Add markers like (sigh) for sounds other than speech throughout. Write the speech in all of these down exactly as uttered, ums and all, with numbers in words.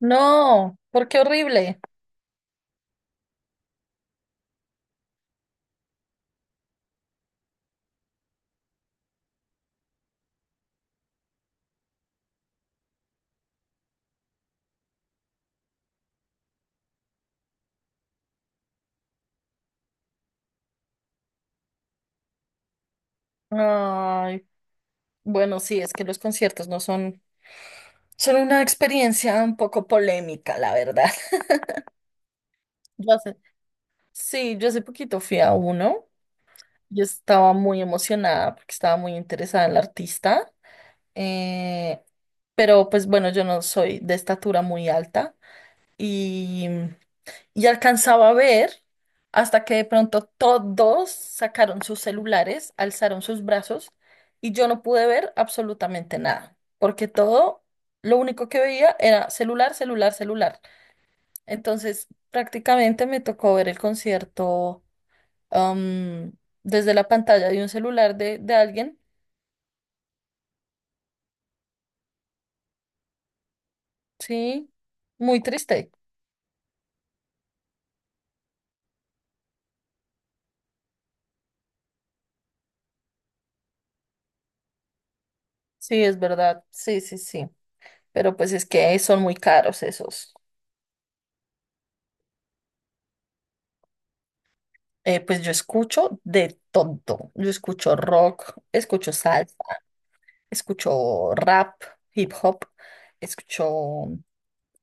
No, porque horrible. Ay, bueno, sí, es que los conciertos no son, son una experiencia un poco polémica, la verdad. (laughs) Yo hace, sí, yo hace poquito fui a uno. Yo estaba muy emocionada porque estaba muy interesada en la artista. eh, pero pues bueno, yo no soy de estatura muy alta y y alcanzaba a ver hasta que de pronto todos sacaron sus celulares, alzaron sus brazos y yo no pude ver absolutamente nada, porque todo, lo único que veía era celular, celular, celular. Entonces, prácticamente me tocó ver el concierto am, desde la pantalla de un celular de, de alguien, sí, muy triste. Sí, es verdad, sí, sí, sí, pero pues es que son muy caros esos. Eh, pues yo escucho de todo. Yo escucho rock, escucho salsa, escucho rap, hip hop, escucho,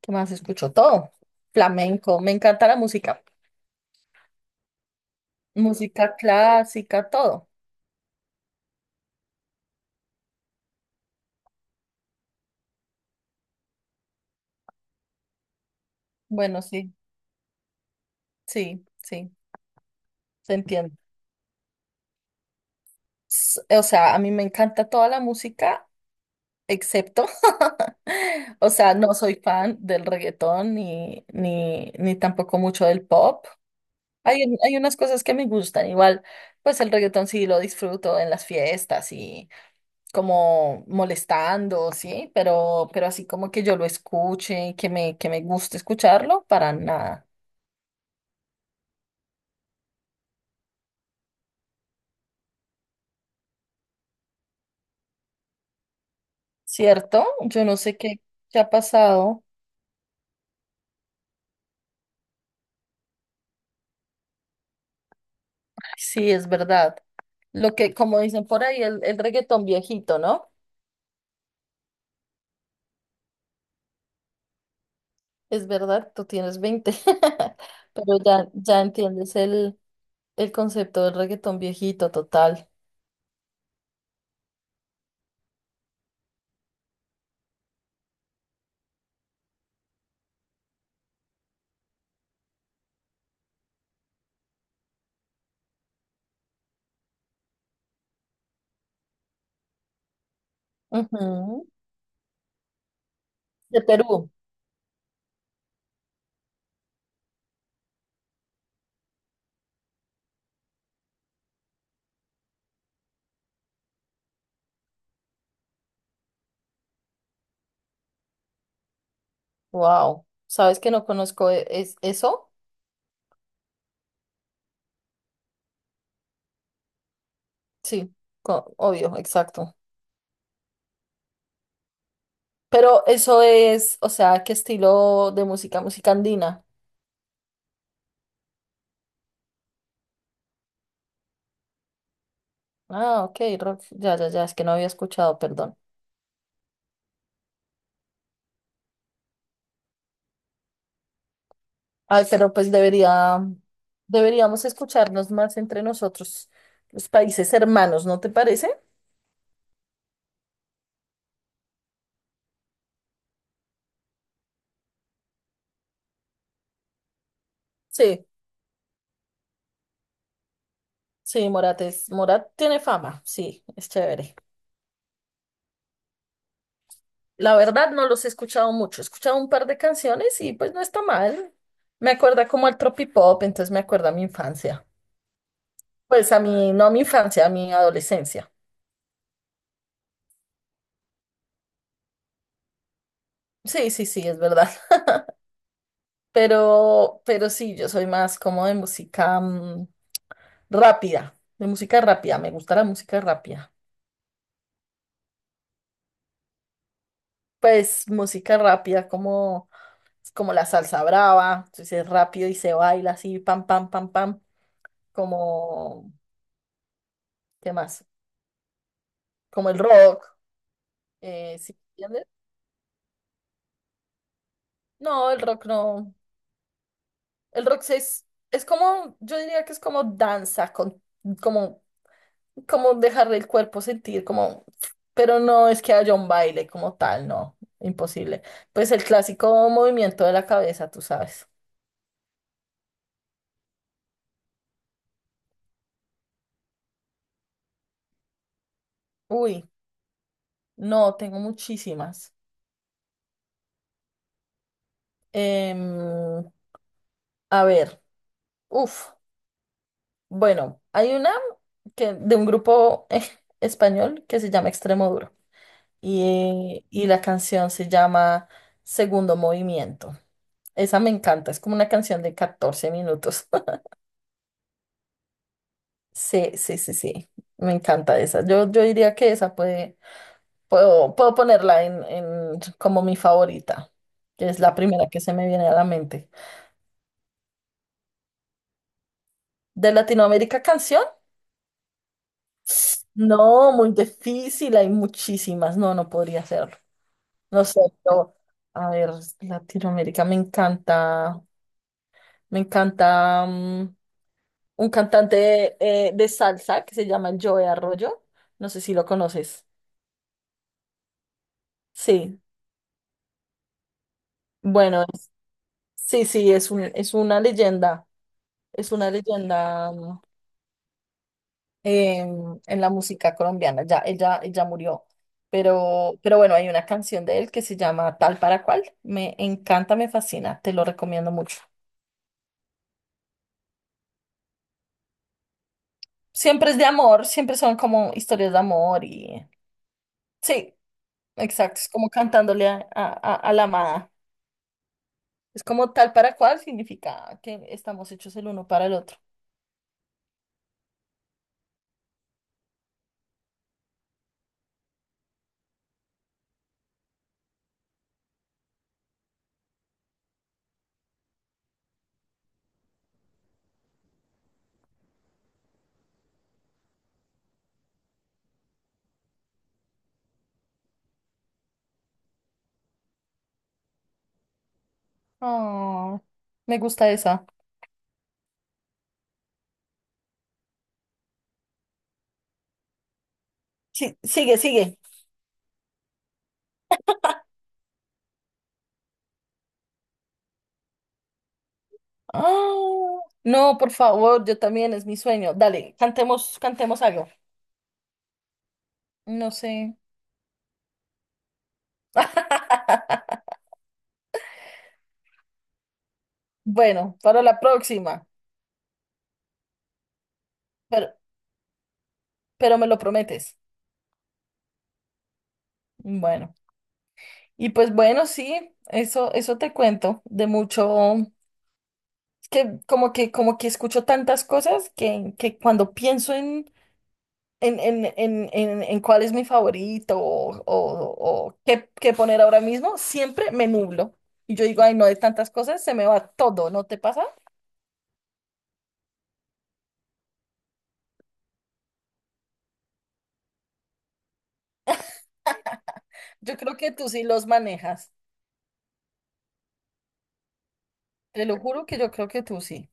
¿qué más? Escucho todo. Flamenco, me encanta la música. Música clásica, todo. Bueno, sí, sí, sí, te entiendo. S- O sea, a mí me encanta toda la música, excepto, (laughs) o sea, no soy fan del reggaetón ni, ni, ni tampoco mucho del pop. Hay, hay unas cosas que me gustan, igual, pues el reggaetón sí lo disfruto en las fiestas y como molestando, sí, pero, pero así como que yo lo escuche y que me, que me guste escucharlo, para nada, ¿cierto? Yo no sé qué, qué ha pasado, sí, es verdad. Lo que, como dicen por ahí, el, el reggaetón viejito, ¿no? Es verdad, tú tienes veinte (laughs) pero ya, ya entiendes el el concepto del reggaetón viejito, total. Ujú. De Perú. Wow. ¿Sabes que no conozco e- es eso? Sí, co- obvio, exacto. Pero eso es, o sea, ¿qué estilo de música? Música andina. Ah, ok, rock. Ya, ya, ya, es que no había escuchado, perdón. Ay, pero pues debería, deberíamos escucharnos más entre nosotros, los países hermanos, ¿no te parece? Sí. Sí, Morat es, Morat tiene fama, sí, es chévere. La verdad no los he escuchado mucho, he escuchado un par de canciones y pues no está mal. Me acuerda como al tropipop, entonces me acuerda a mi infancia. Pues a mi, no a mi infancia, a mi adolescencia. Sí, sí, sí, es verdad. (laughs) Pero, pero sí, yo soy más como de música mm, rápida, de música rápida, me gusta la música rápida. Pues música rápida como, como la salsa brava, entonces es rápido y se baila así, pam, pam, pam, pam como ¿Qué más? Como el rock, eh, ¿sí me entiendes? No, el rock no. El rock sí es, es como, yo diría que es como danza, con, como, como dejar el cuerpo sentir, como, pero no es que haya un baile como tal, no, imposible. Pues el clásico movimiento de la cabeza, tú sabes. Uy, no, tengo muchísimas. Em, a ver, uf, bueno, hay una que, de un grupo (laughs) eh, español que se llama Extremoduro. Y, eh, y la canción se llama Segundo Movimiento. Esa me encanta, es como una canción de catorce minutos. (laughs) Sí, sí, sí, sí, me encanta esa. Yo, yo diría que esa puede, puedo, puedo ponerla en, en como mi favorita, que es la primera que se me viene a la mente. ¿De Latinoamérica canción? No, muy difícil, hay muchísimas. No, no podría hacerlo. No sé, yo, a ver, Latinoamérica me encanta, me encanta. Mm, un cantante eh, de salsa que se llama el Joe Arroyo. No sé si lo conoces. Sí, bueno, sí, sí, es un, es una leyenda, es una leyenda mm, em, en la música colombiana. Ya, ella, ella murió. Pero, pero bueno, hay una canción de él que se llama Tal para cual. Me encanta, me fascina, te lo recomiendo mucho. Siempre es de amor, siempre son como historias de amor y sí, exacto, es como cantándole a, a, a a la amada. Es como tal para cual significa que estamos hechos el uno para el otro. Ah, me gusta esa. Sí, sigue, sigue. Ah, no, por favor, yo también es mi sueño. Dale, cantemos, cantemos algo. No sé. (laughs) Bueno, para la próxima, pero, pero me lo prometes. Bueno, y pues bueno, sí, eso, eso te cuento de mucho, es que como que, como que escucho tantas cosas que, que cuando pienso en, en, en, en, en, en cuál es mi favorito o, o, o qué, qué poner ahora mismo, siempre me nublo. Y yo digo, ay, no, de tantas cosas se me va todo, ¿no te pasa? Yo creo que tú sí los manejas. Te lo juro que yo creo que tú sí.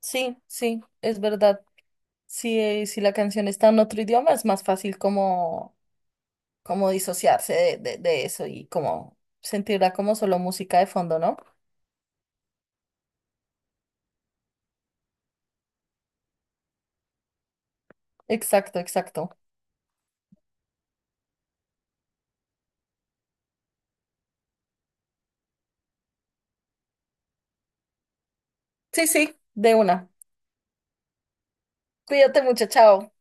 Sí, sí, es verdad. Si, eh, si la canción está en otro idioma, es más fácil como, como disociarse de, de, de eso y como sentirla como solo música de fondo, ¿no? Exacto, exacto. Sí, sí, de una. Cuídate mucho, chao.